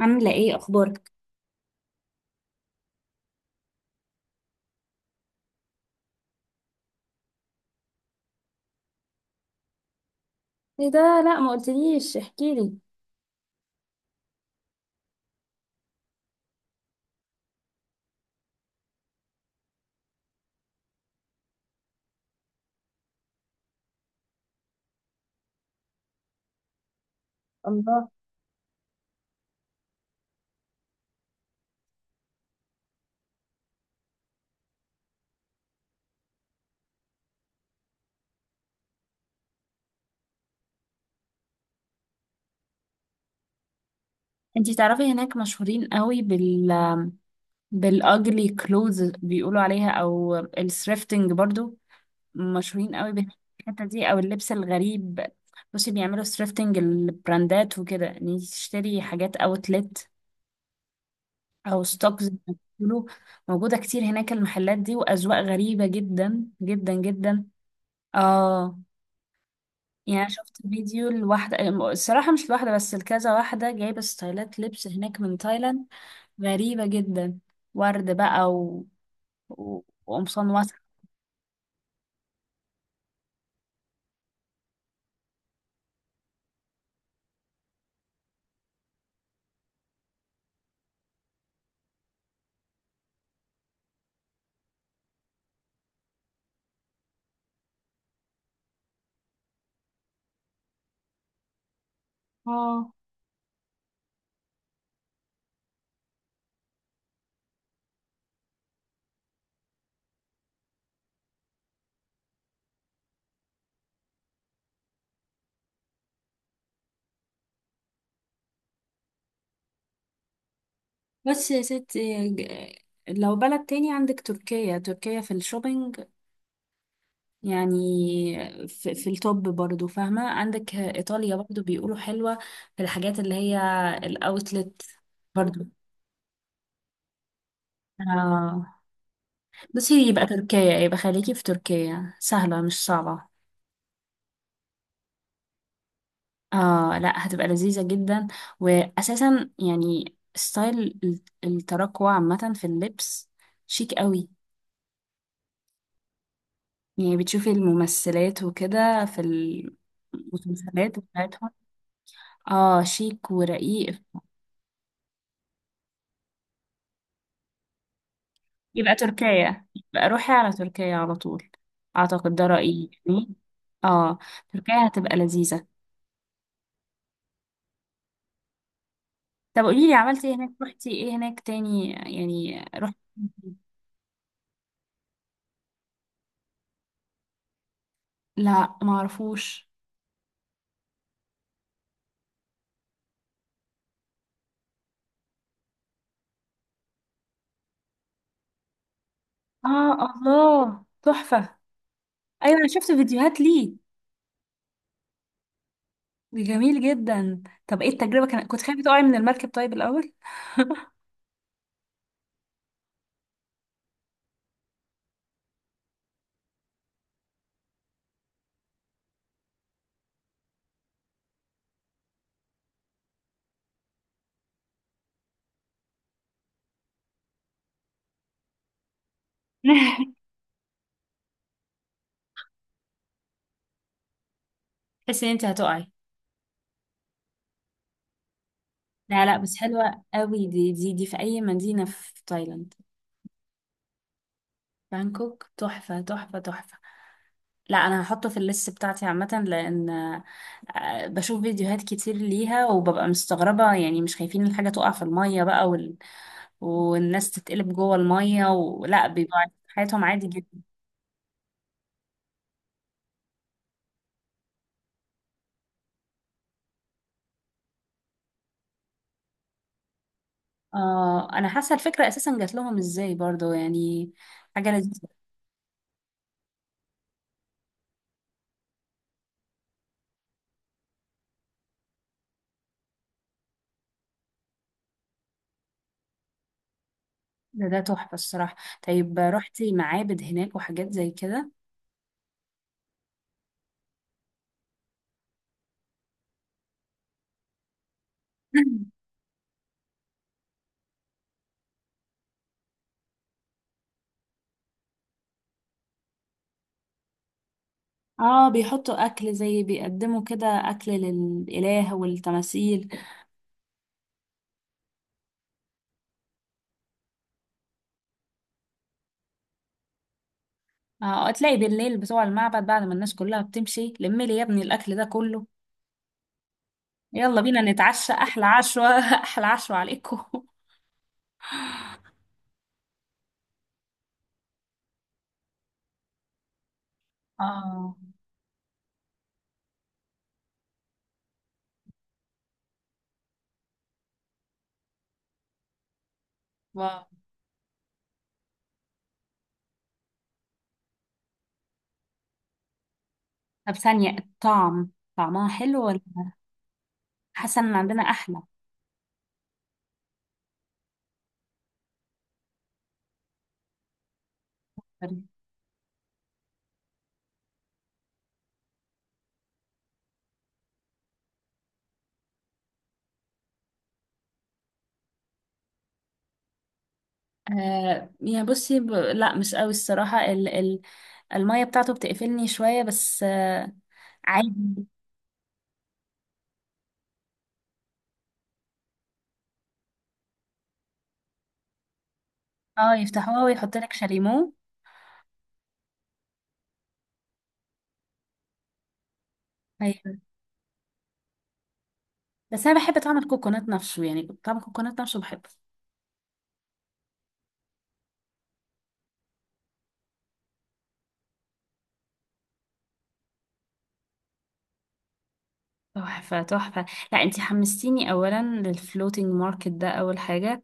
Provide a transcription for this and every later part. عاملة ايه اخبارك؟ ايه ده. لا ما قلتليش، احكيلي. الله. انتي تعرفي هناك مشهورين قوي بالاجلي كلوز بيقولوا عليها او الثريفتنج برضو. مشهورين قوي بالحتة دي او اللبس الغريب. بصي بيعملوا ثريفتنج البراندات وكده، ان انتي تشتري حاجات اوتلت او ستوكس زي ما بيقولوا. موجودة كتير هناك المحلات دي، واذواق غريبة جدا جدا جدا. اه. يعني أنا شفت فيديو لواحدة، الصراحة مش لواحدة بس، لكذا واحدة جايبة ستايلات لبس هناك من تايلاند غريبة جدا. ورد بقى و... وقمصان واسعة. اه. بس يا ست لو بلد تاني عندك تركيا، تركيا في الشوبينج يعني، في التوب برضو فاهمة، عندك إيطاليا برضو بيقولوا حلوة في الحاجات اللي هي الأوتلت. برضو آه. بصي يبقى تركيا، يبقى خليكي في تركيا، سهلة مش صعبة. اه لا، هتبقى لذيذة جدا. واساسا يعني ستايل التراكوة عامة في اللبس شيك قوي. يعني بتشوفي الممثلات وكده في المسلسلات بتاعتهم. اه شيك ورقيق. يبقى تركيا، يبقى روحي على تركيا على طول، اعتقد ده رأيي يعني. اه. تركيا هتبقى لذيذة. طب قوليلي، عملتي ايه هناك؟ رحتي ايه هناك تاني؟ يعني رحتي. لا معرفوش. اه. الله تحفة. ايوه انا شفت فيديوهات ليه. جميل جدا. طب ايه التجربه؟ كان كنت خايفه تقعي من المركب طيب الاول؟ تحس ان انت هتقعي. لا لا، بس حلوة قوي دي. دي في اي مدينة في تايلاند؟ بانكوك؟ تحفة تحفة تحفة. لا انا هحطه في الليست بتاعتي عامة، لان آه، بشوف فيديوهات كتير ليها وببقى مستغربة، يعني مش خايفين الحاجة تقع في المية بقى والناس تتقلب جوه المية، ولا بيبقوا عايشين حياتهم عادي. اه انا حاسه الفكره اساسا جات لهم ازاي برضو، يعني حاجه لذيذه. ده تحفه الصراحه. طيب رحتي معابد هناك وحاجات زي كده؟ اه بيحطوا اكل، زي بيقدموا كده اكل للاله والتماثيل. اه تلاقي بالليل بتوع المعبد بعد ما الناس كلها بتمشي، لمي لي يا ابني الاكل ده كله، يلا بينا نتعشى احلى عشوه، احلى عشوه عليكم. اه. واو. طب ثانيه، الطعم، طعمها حلو ولا؟ حاسه ان عندنا احلى. آه يعني بصي لا مش قوي الصراحة المية بتاعته بتقفلني شوية بس آه، عادي. اه يفتحوها ويحط لك شاليمو. ايوه. بس انا بحب طعم الكوكونات نفسه، يعني طعم الكوكونات نفسه بحبه. تحفة تحفة. لا انتي حمستيني اولا للفلوتينج ماركت ده اول حاجة،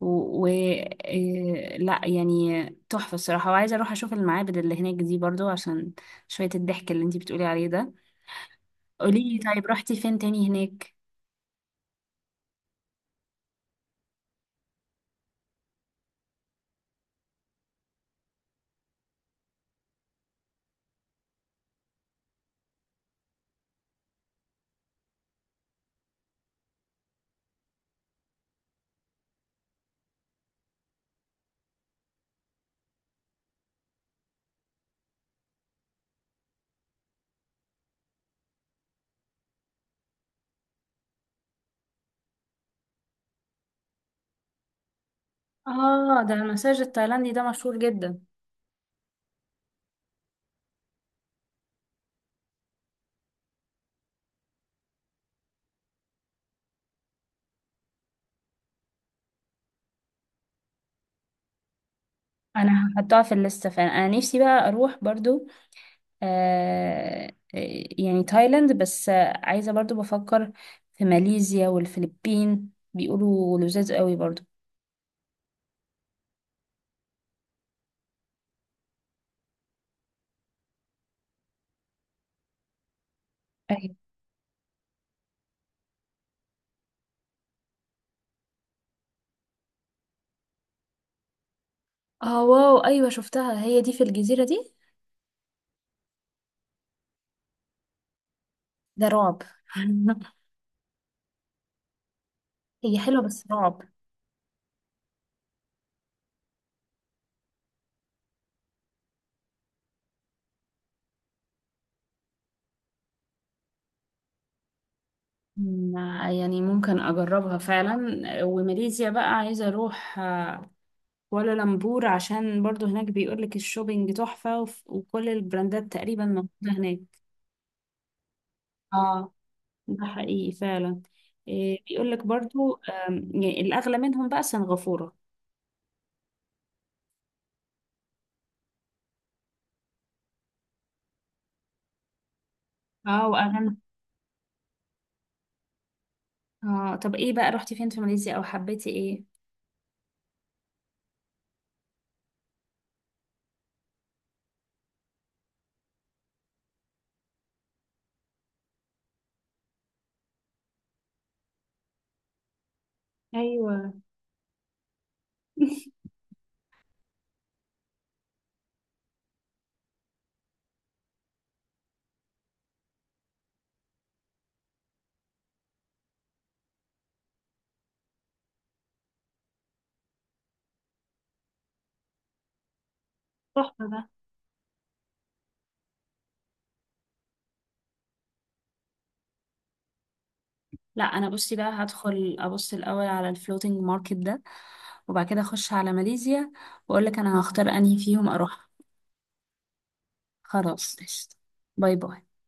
و, لا يعني تحفة الصراحة، وعايزة اروح اشوف المعابد اللي هناك دي برضو عشان شوية الضحك اللي انتي بتقولي عليه ده. قوليلي طيب رحتي فين تاني هناك؟ اه ده المساج التايلاندي ده مشهور جدا. انا هحطها في الليسته فعلا، انا نفسي بقى اروح برضو. آه. آه، يعني تايلاند، بس آه، عايزه برضو بفكر في ماليزيا والفلبين، بيقولوا لذاذ قوي برضو. ايوه. اه واو ايوه شفتها، هي دي في الجزيره دي؟ ده رعب. هي حلوه بس رعب. مم، يعني ممكن اجربها فعلا. وماليزيا بقى عايزه اروح ولا لامبور، عشان برضو هناك بيقولك الشوبينج تحفة، وكل البراندات تقريبا موجودة هناك. اه. ده حقيقي فعلا. إيه بيقولك برضو آم، يعني الأغلى منهم بقى سنغافورة. اه واغاني. اه طب ايه بقى، رحتي فين في ماليزيا؟ او حبيتي ايه؟ ايوه. تحفه ده. لا انا بصي بقى هدخل ابص الاول على الفلوتينج ماركت ده، وبعد كده اخش على ماليزيا، واقول لك انا هختار انهي فيهم اروح. خلاص قشطة. باي باي.